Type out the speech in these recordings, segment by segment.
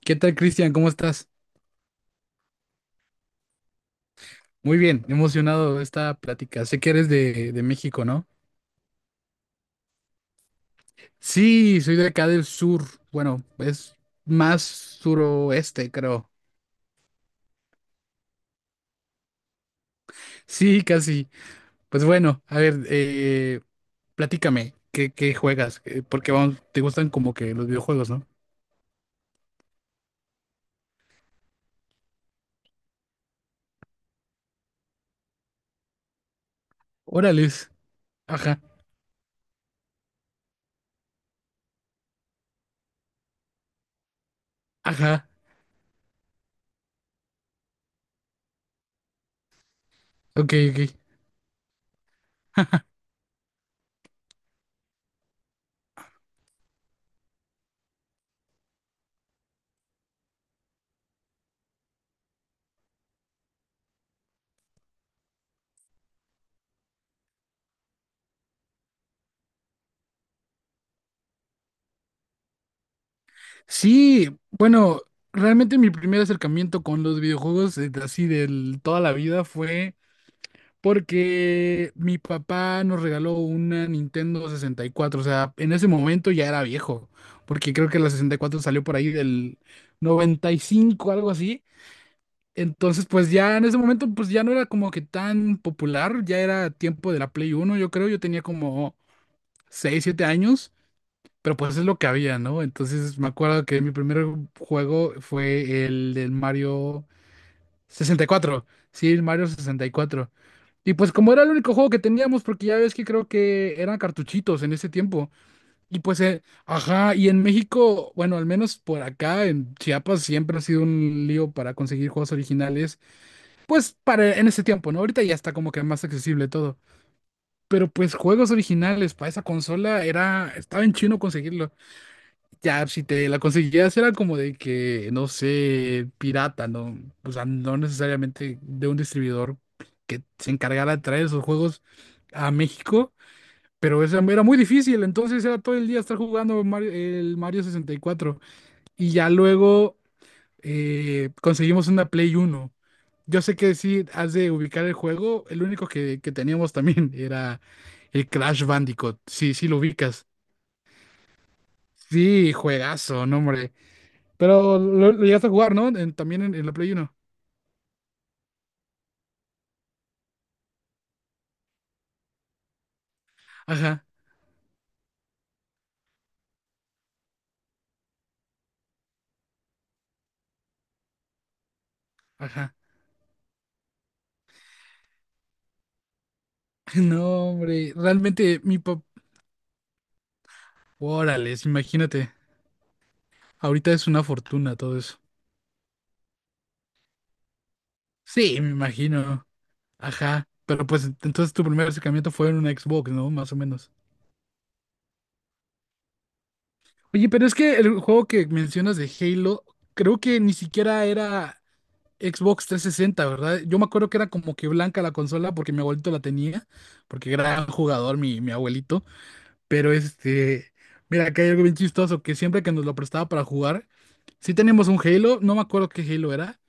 ¿Qué tal, Cristian? ¿Cómo estás? Muy bien, emocionado de esta plática. Sé que eres de México, ¿no? Sí, soy de acá del sur. Bueno, es más suroeste, creo. Sí, casi. Pues bueno, a ver, platícame, ¿qué juegas? Porque vamos, te gustan como que los videojuegos, ¿no? Órales. Ajá, ajá. Ok, ok. Sí, bueno, realmente mi primer acercamiento con los videojuegos, así de toda la vida, fue porque mi papá nos regaló una Nintendo 64, o sea, en ese momento ya era viejo, porque creo que la 64 salió por ahí del 95, algo así. Entonces, pues ya en ese momento, pues ya no era como que tan popular, ya era tiempo de la Play 1. Yo creo, yo tenía como 6, 7 años, pero pues es lo que había, ¿no? Entonces me acuerdo que mi primer juego fue el del Mario 64, sí, el Mario 64. Y pues como era el único juego que teníamos, porque ya ves que creo que eran cartuchitos en ese tiempo. Y pues, ajá, y en México, bueno, al menos por acá, en Chiapas, siempre ha sido un lío para conseguir juegos originales. Pues para en ese tiempo, ¿no? Ahorita ya está como que más accesible todo. Pero pues juegos originales para esa consola era, estaba en chino conseguirlo. Ya, si te la conseguías era como de que, no sé, pirata, ¿no? O sea, no necesariamente de un distribuidor que se encargara de traer esos juegos a México, pero eso era muy difícil, entonces era todo el día estar jugando el Mario 64. Y cuatro. Y ya luego conseguimos una Play 1. Yo sé que sí, has de ubicar el juego, el único que teníamos también era el Crash Bandicoot, sí, sí lo ubicas. Sí, juegazo, no, hombre. Pero lo llegaste a jugar, ¿no? También en la Play 1. Ajá, ajá. No, hombre, realmente mi papá. Órale, imagínate. Ahorita es una fortuna todo eso. Sí, me imagino. Ajá. Pero pues entonces tu primer acercamiento fue en una Xbox, ¿no? Más o menos. Oye, pero es que el juego que mencionas de Halo, creo que ni siquiera era Xbox 360, ¿verdad? Yo me acuerdo que era como que blanca la consola porque mi abuelito la tenía, porque gran jugador mi abuelito. Pero este, mira, acá hay algo bien chistoso, que siempre que nos lo prestaba para jugar, sí teníamos un Halo, no me acuerdo qué Halo era,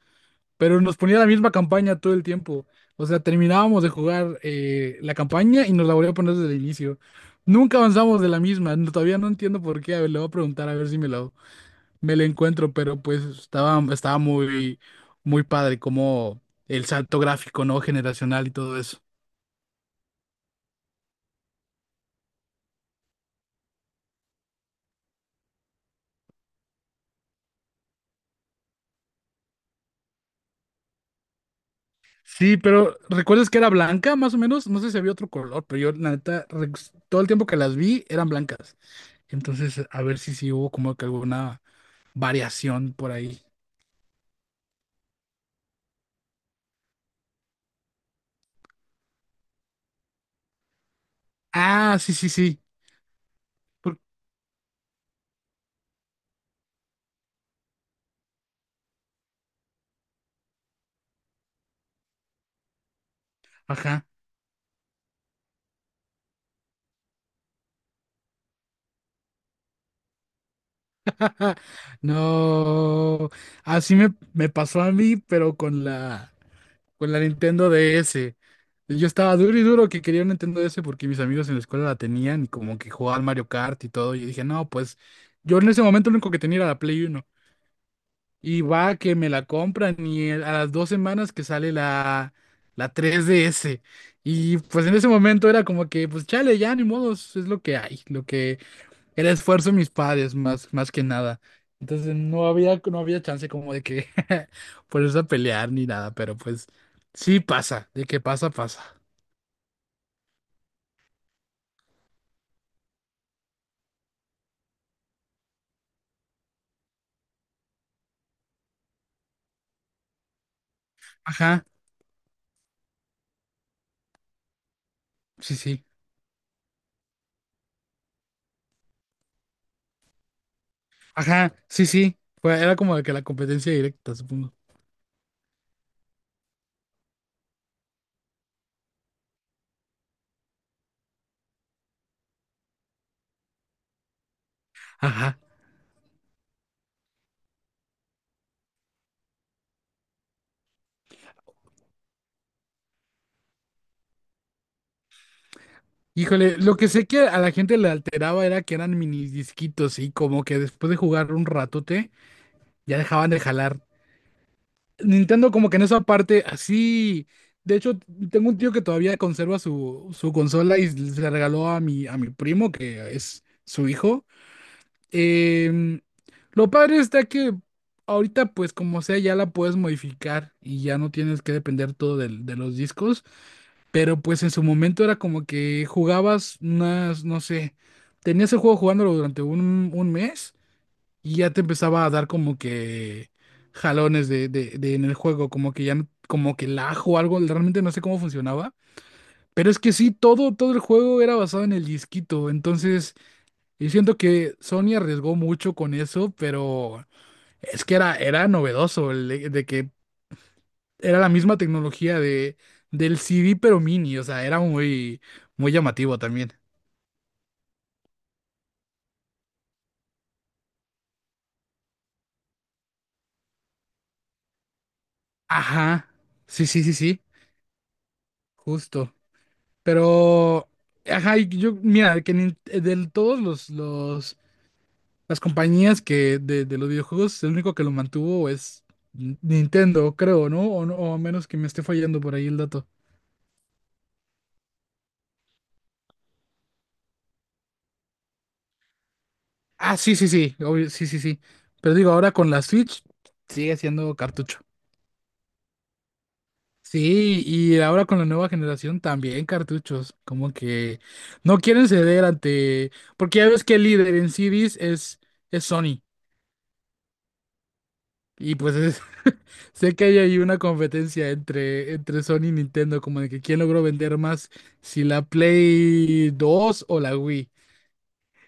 pero nos ponía la misma campaña todo el tiempo. O sea, terminábamos de jugar la campaña y nos la volvía a poner desde el inicio. Nunca avanzamos de la misma, todavía no entiendo por qué, a ver, le voy a preguntar a ver si me lo encuentro, pero pues estaba muy, muy padre como el salto gráfico, ¿no? Generacional y todo eso. Sí, pero ¿recuerdas que era blanca más o menos? No sé si había otro color, pero yo la neta, todo el tiempo que las vi eran blancas. Entonces, a ver si sí hubo como que alguna variación por ahí. Ah, sí, sí, sí. Por- Ajá. No. Así me pasó a mí, pero con la Nintendo DS. Yo estaba duro y duro que quería un Nintendo DS porque mis amigos en la escuela la tenían y como que jugaban Mario Kart y todo. Y dije, no, pues yo en ese momento lo único que tenía era la Play 1. Y va que me la compran y a las 2 semanas que sale la 3DS Y pues en ese momento era como que, pues chale, ya ni modos, es lo que hay, lo que era esfuerzo de mis padres más que nada. Entonces no había chance como de que ponerse a pelear ni nada, pero pues sí pasa, de que pasa, pasa. Ajá, sí, sí. Ajá, sí, sí. Era como de que la competencia directa, supongo. Ajá. Híjole, lo que sé que a la gente le alteraba era que eran mini disquitos y como que después de jugar un ratote ya dejaban de jalar. Nintendo como que en esa parte así, de hecho tengo un tío que todavía conserva su consola y se la regaló a mi primo que es su hijo. Em, lo padre está que ahorita pues como sea ya la puedes modificar y ya no tienes que depender todo de los discos. Pero pues en su momento era como que jugabas unas, no sé, tenías el juego jugándolo durante un mes y ya te empezaba a dar como que jalones de en el juego, como que ya, como que lag o algo, realmente no sé cómo funcionaba. Pero es que sí, todo el juego era basado en el disquito, entonces yo siento que Sony arriesgó mucho con eso, pero es que era novedoso el de que era la misma tecnología del CD, pero mini, o sea, era muy, muy llamativo también. Ajá, sí, sí, sí, sí, justo. Pero, ajá, y yo, mira, que de todos las compañías de los videojuegos, el único que lo mantuvo es Nintendo, creo, ¿no? O a menos que me esté fallando por ahí el dato. Ah, sí, sí, sí, obvio, sí, sí, sí. Pero digo, ahora con la Switch sigue siendo cartucho. Sí, y ahora con la nueva generación también cartuchos, como que no quieren ceder ante, porque ya ves que el líder en CDs es Sony, y pues sé que hay ahí una competencia entre Sony y Nintendo, como de que quién logró vender más, si la Play 2 o la Wii.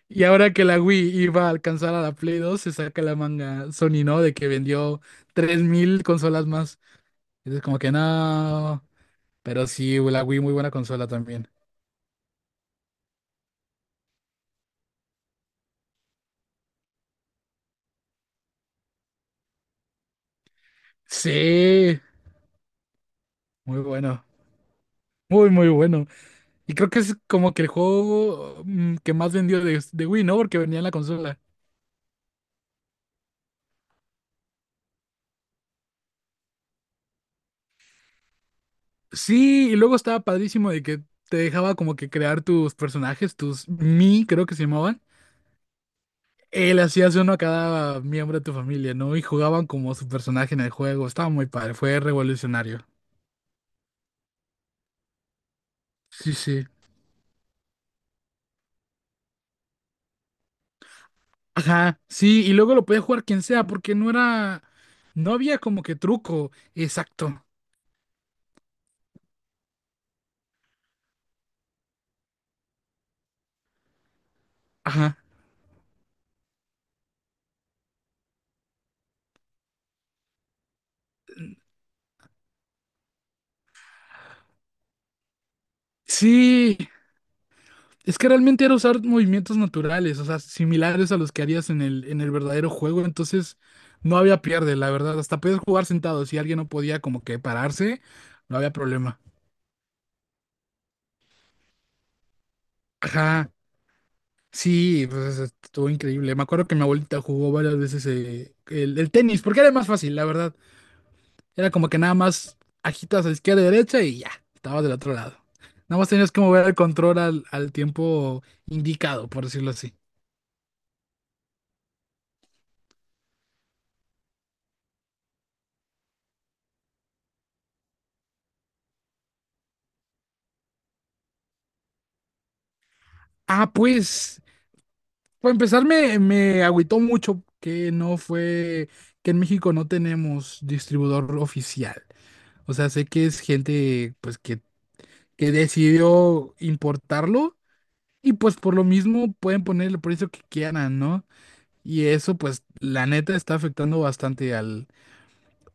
Y ahora que la Wii iba a alcanzar a la Play 2 se saca la manga Sony, ¿no? De que vendió 3,000 consolas más. Entonces como que no, pero sí, la Wii muy buena consola. Sí, muy bueno, muy, muy bueno. Y creo que es como que el juego que más vendió de Wii, ¿no? Porque venía en la consola. Sí, y luego estaba padrísimo de que te dejaba como que crear tus personajes, tus Mi, creo que se llamaban. Él hacías uno a cada miembro de tu familia, ¿no? Y jugaban como su personaje en el juego. Estaba muy padre, fue revolucionario. Sí, sí. Ajá, sí, y luego lo podía jugar quien sea, porque no era, no había como que truco, exacto. Ajá. Sí, es que realmente era usar movimientos naturales, o sea, similares a los que harías en el verdadero juego, entonces no había pierde, la verdad. Hasta podías jugar sentado, si alguien no podía como que pararse, no había problema. Ajá, sí, pues estuvo increíble. Me acuerdo que mi abuelita jugó varias veces el tenis, porque era más fácil, la verdad. Era como que nada más agitas a izquierda y derecha y ya, estabas del otro lado. Nada más tenías que mover el control al tiempo indicado, por decirlo así. Ah, pues. Para empezar, me agüitó mucho que no fue, que en México no tenemos distribuidor oficial. O sea, sé que es gente pues que decidió importarlo y pues por lo mismo pueden poner el precio que quieran, ¿no? Y eso pues la neta está afectando bastante al,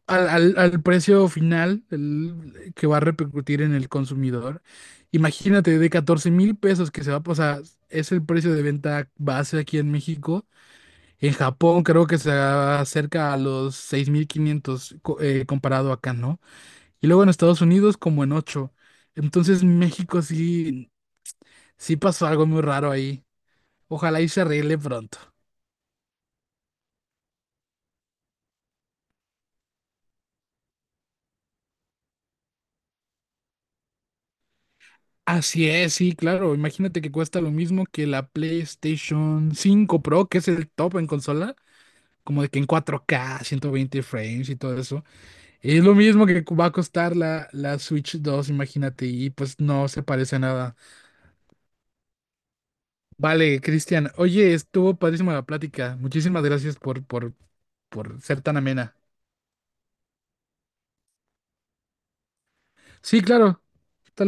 al, al- al precio final que va a repercutir en el consumidor. Imagínate de 14,000 pesos que se va a pasar, es el precio de venta base aquí en México. En Japón creo que se acerca a los 6.500 comparado acá, ¿no? Y luego en Estados Unidos como en 8. Entonces México sí, sí pasó algo muy raro ahí. Ojalá y se arregle pronto. Así es, sí, claro. Imagínate que cuesta lo mismo que la PlayStation 5 Pro, que es el top en consola, como de que en 4K, 120 frames y todo eso. Es lo mismo que va a costar la Switch 2, imagínate, y pues no se parece a nada. Vale, Cristian. Oye, estuvo padrísima la plática. Muchísimas gracias por ser tan amena. Sí, claro.